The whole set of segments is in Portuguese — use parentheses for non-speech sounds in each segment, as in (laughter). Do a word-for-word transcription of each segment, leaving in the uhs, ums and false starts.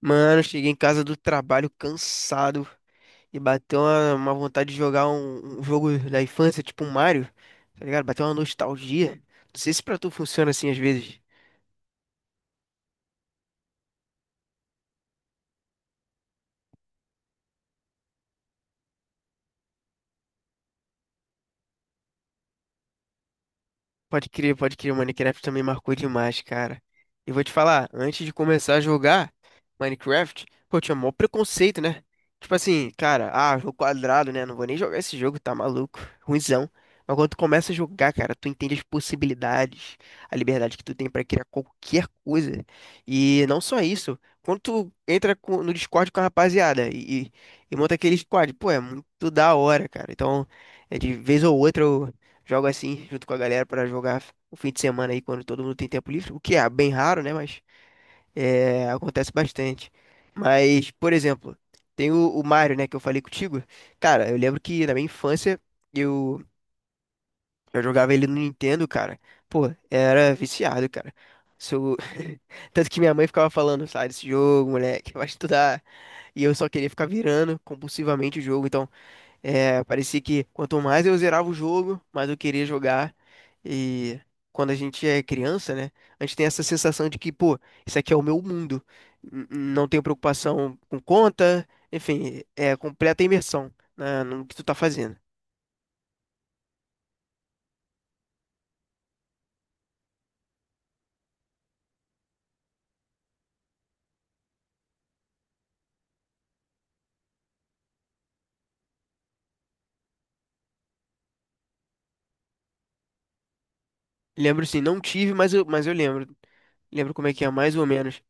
Mano, cheguei em casa do trabalho cansado e bateu uma, uma vontade de jogar um, um jogo da infância, tipo um Mario, tá ligado? Bateu uma nostalgia. Não sei se pra tu funciona assim às vezes. Pode crer, pode crer. O Minecraft também marcou demais, cara. E vou te falar, antes de começar a jogar Minecraft, pô, eu tinha mó preconceito, né? Tipo assim, cara, ah, jogo quadrado, né? Não vou nem jogar esse jogo, tá maluco. Ruizão. Mas quando tu começa a jogar, cara, tu entende as possibilidades, a liberdade que tu tem pra criar qualquer coisa. E não só isso, quando tu entra com- no Discord com a rapaziada e, e- e monta aquele squad, pô, é muito da hora, cara. Então, é, de vez ou outra jogo assim, junto com a galera, pra jogar o fim de semana aí, quando todo mundo tem tempo livre. O que é bem raro, né? Mas é, acontece bastante. Mas, por exemplo, tem o, o Mario, né? Que eu falei contigo. Cara, eu lembro que na minha infância eu, eu jogava ele no Nintendo, cara. Pô, era viciado, cara. Sou... (laughs) Tanto que minha mãe ficava falando, sai desse jogo, moleque, (laughs) vai estudar. E eu só queria ficar virando compulsivamente o jogo. Então. É, parecia que quanto mais eu zerava o jogo, mais eu queria jogar. E quando a gente é criança, né? A gente tem essa sensação de que, pô, isso aqui é o meu mundo. N- Não tenho preocupação com conta, enfim, é completa imersão na, no que tu tá fazendo. Lembro sim, não tive, mas eu, mas eu lembro. Lembro como é que é, mais ou menos.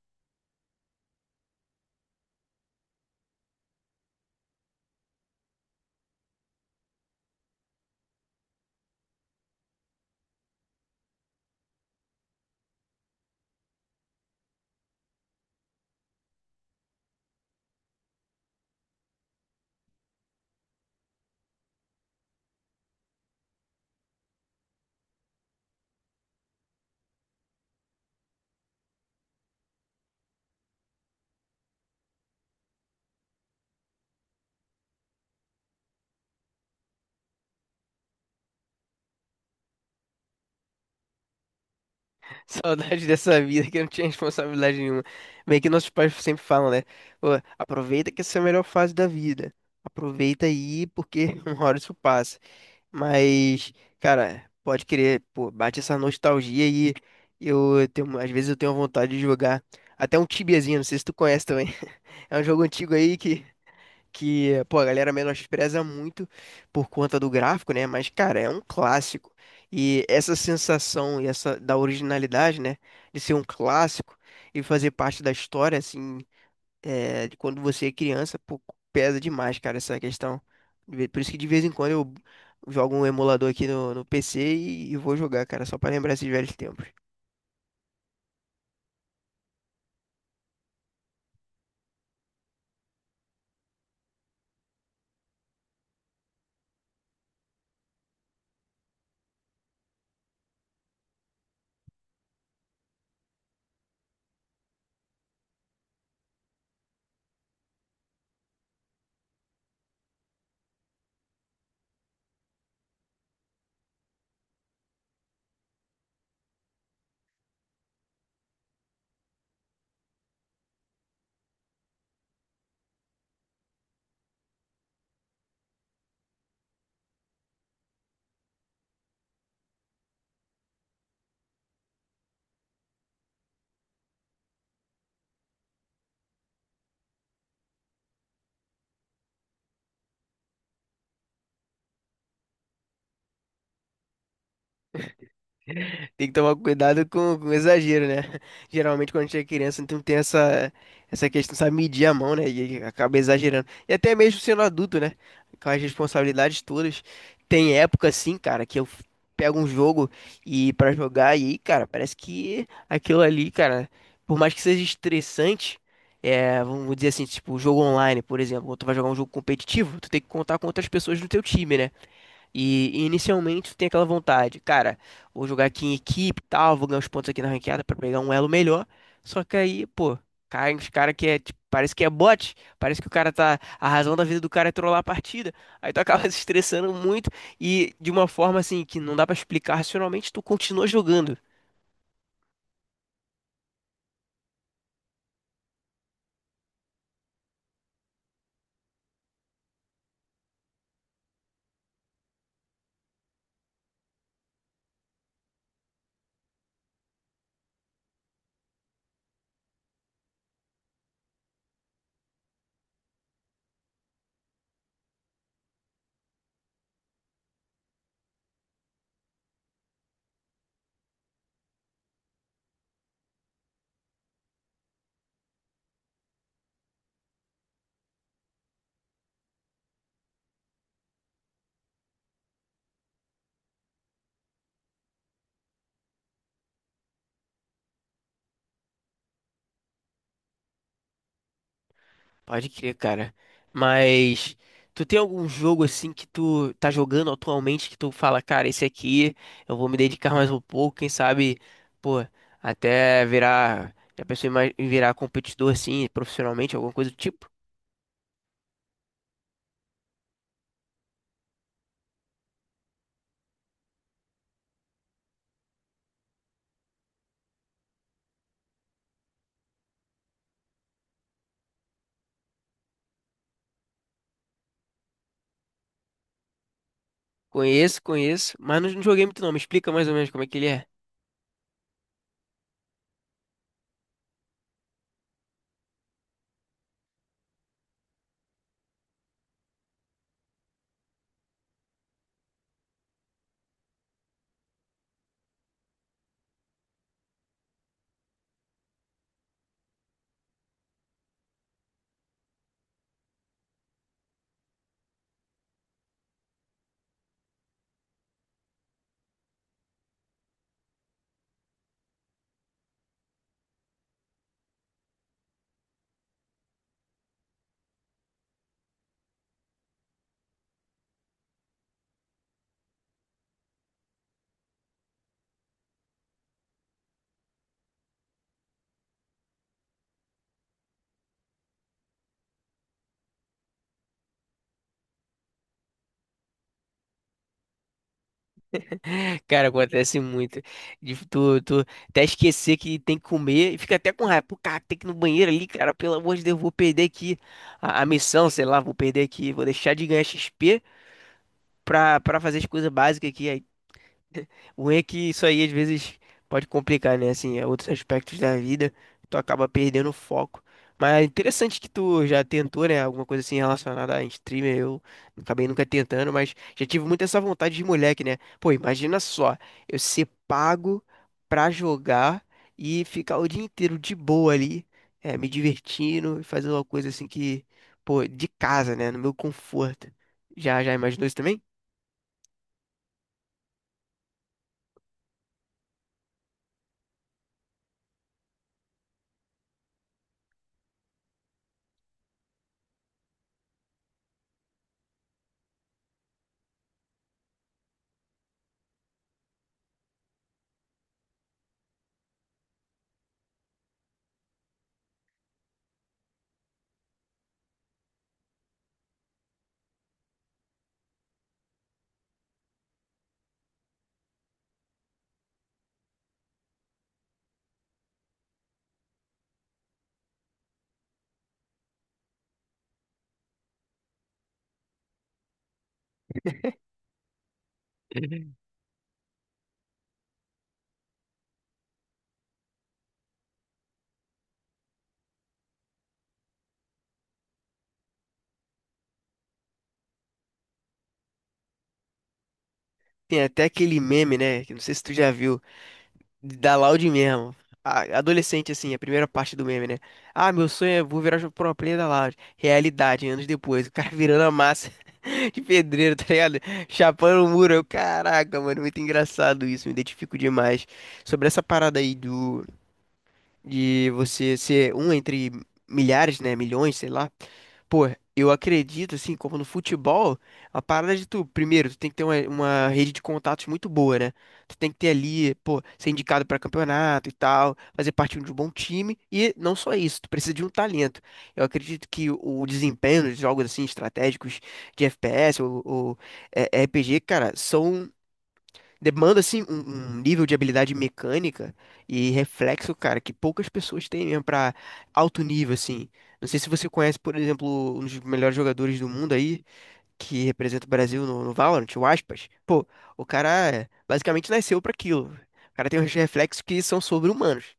(laughs) Saudade dessa vida que não tinha responsabilidade nenhuma. Meio que nossos pais sempre falam, né? Pô, aproveita que essa é a melhor fase da vida. Aproveita aí, porque (laughs) uma hora isso passa. Mas, cara, pode querer, pô, bate essa nostalgia e eu tenho, às vezes eu tenho vontade de jogar até um Tibiazinho, não sei se tu conhece também. (laughs) É um jogo antigo aí que que, pô, a galera menospreza muito por conta do gráfico, né? Mas, cara, é um clássico. E essa sensação e essa da originalidade, né? De ser um clássico e fazer parte da história, assim, é, de quando você é criança, pô, pesa demais, cara, essa questão. De Por isso que de vez em quando eu jogo um emulador aqui no, no P C e, e vou jogar, cara, só pra lembrar esses velhos tempos. Tem que tomar cuidado com, com exagero, né? Geralmente quando a gente é criança, então tem essa, essa questão, sabe, medir a mão, né? E acaba exagerando. E até mesmo sendo adulto, né? Com as responsabilidades todas. Tem época, assim, cara, que eu pego um jogo e para jogar, e aí, cara, parece que aquilo ali, cara, por mais que seja estressante, é, vamos dizer assim, tipo, jogo online, por exemplo, quando tu vai jogar um jogo competitivo, tu tem que contar com outras pessoas no teu time, né? E, e inicialmente tu tem aquela vontade, cara, vou jogar aqui em equipe e tal, vou ganhar uns pontos aqui na ranqueada pra pegar um elo melhor. Só que aí, pô, cai uns cara que é, tipo, parece que é bot, parece que o cara tá, a razão da vida do cara é trollar a partida. Aí tu acaba (laughs) se estressando muito e de uma forma assim que não dá pra explicar racionalmente, tu continua jogando. Pode crer, cara. Mas tu tem algum jogo assim que tu tá jogando atualmente que tu fala, cara, esse aqui eu vou me dedicar mais um pouco, quem sabe, pô, até virar, já pensou em mais- em virar competidor assim, profissionalmente, alguma coisa do tipo? Conheço, conheço, mas não não joguei muito não. Me explica mais ou menos como é que ele é. (laughs) Cara, acontece muito. De tu, tu até esquecer que tem que comer e fica até com raiva. Pô, cara, tem que ir no banheiro ali, cara. Pelo amor de Deus, eu vou perder aqui a, a missão, sei lá, vou perder aqui. Vou deixar de ganhar X P pra, pra fazer as coisas básicas aqui. O ruim é que isso aí às vezes pode complicar, né? Assim, é outros aspectos da vida, tu acaba perdendo o foco. Mas é interessante que tu já tentou, né? Alguma coisa assim relacionada a streamer. Eu acabei nunca tentando, mas já tive muito essa vontade de moleque, né? Pô, imagina só, eu ser pago pra jogar e ficar o dia inteiro de boa ali, é, me divertindo e fazendo uma coisa assim que, pô, de casa, né? No meu conforto. Já, já imaginou isso também? Uhum. Tem até aquele meme, né? Que não sei se tu já viu, da Loud mesmo. A- adolescente, assim, a primeira parte do meme, né? Ah, meu sonho é vou virar pro player da Loud. Realidade, anos depois, o cara (laughs) virando a massa (laughs) de pedreiro, tá ligado? Chapando o muro. Eu, caraca, mano, muito engraçado isso, me identifico demais. Sobre essa parada aí do. De você ser um entre milhares, né, milhões, sei lá. Pô, eu acredito, assim, como no futebol, a parada de tu, primeiro, tu tem que ter uma, uma rede de contatos muito boa, né? Tu tem que ter ali, pô, ser indicado pra campeonato e tal, fazer parte de um bom time, e não só isso, tu precisa de um talento. Eu acredito que o desempenho dos jogos, assim, estratégicos de F P S ou, ou é, R P G, cara, são demanda, assim, um, um nível de habilidade mecânica e reflexo, cara, que poucas pessoas têm mesmo pra alto nível, assim. Não sei se você conhece, por exemplo, um dos melhores jogadores do mundo aí, que representa o Brasil no, no Valorant, o Aspas. Pô, o cara basicamente nasceu pra aquilo. O cara tem uns reflexos que são sobre-humanos.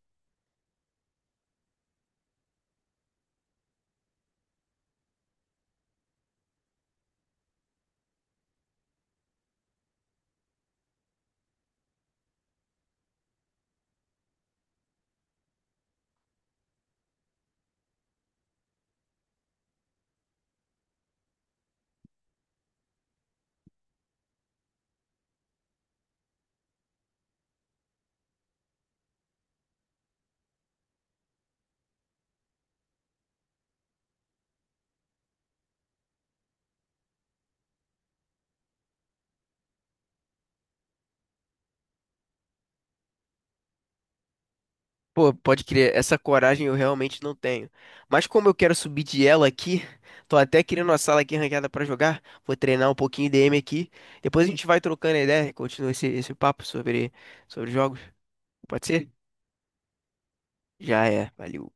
Pô, pode crer, essa coragem eu realmente não tenho. Mas como eu quero subir de ela aqui, tô até criando uma sala aqui ranqueada pra jogar. Vou treinar um pouquinho D m aqui. Depois a gente vai trocando ideia e continua esse, esse papo sobre, sobre jogos. Pode ser? Já é, valeu.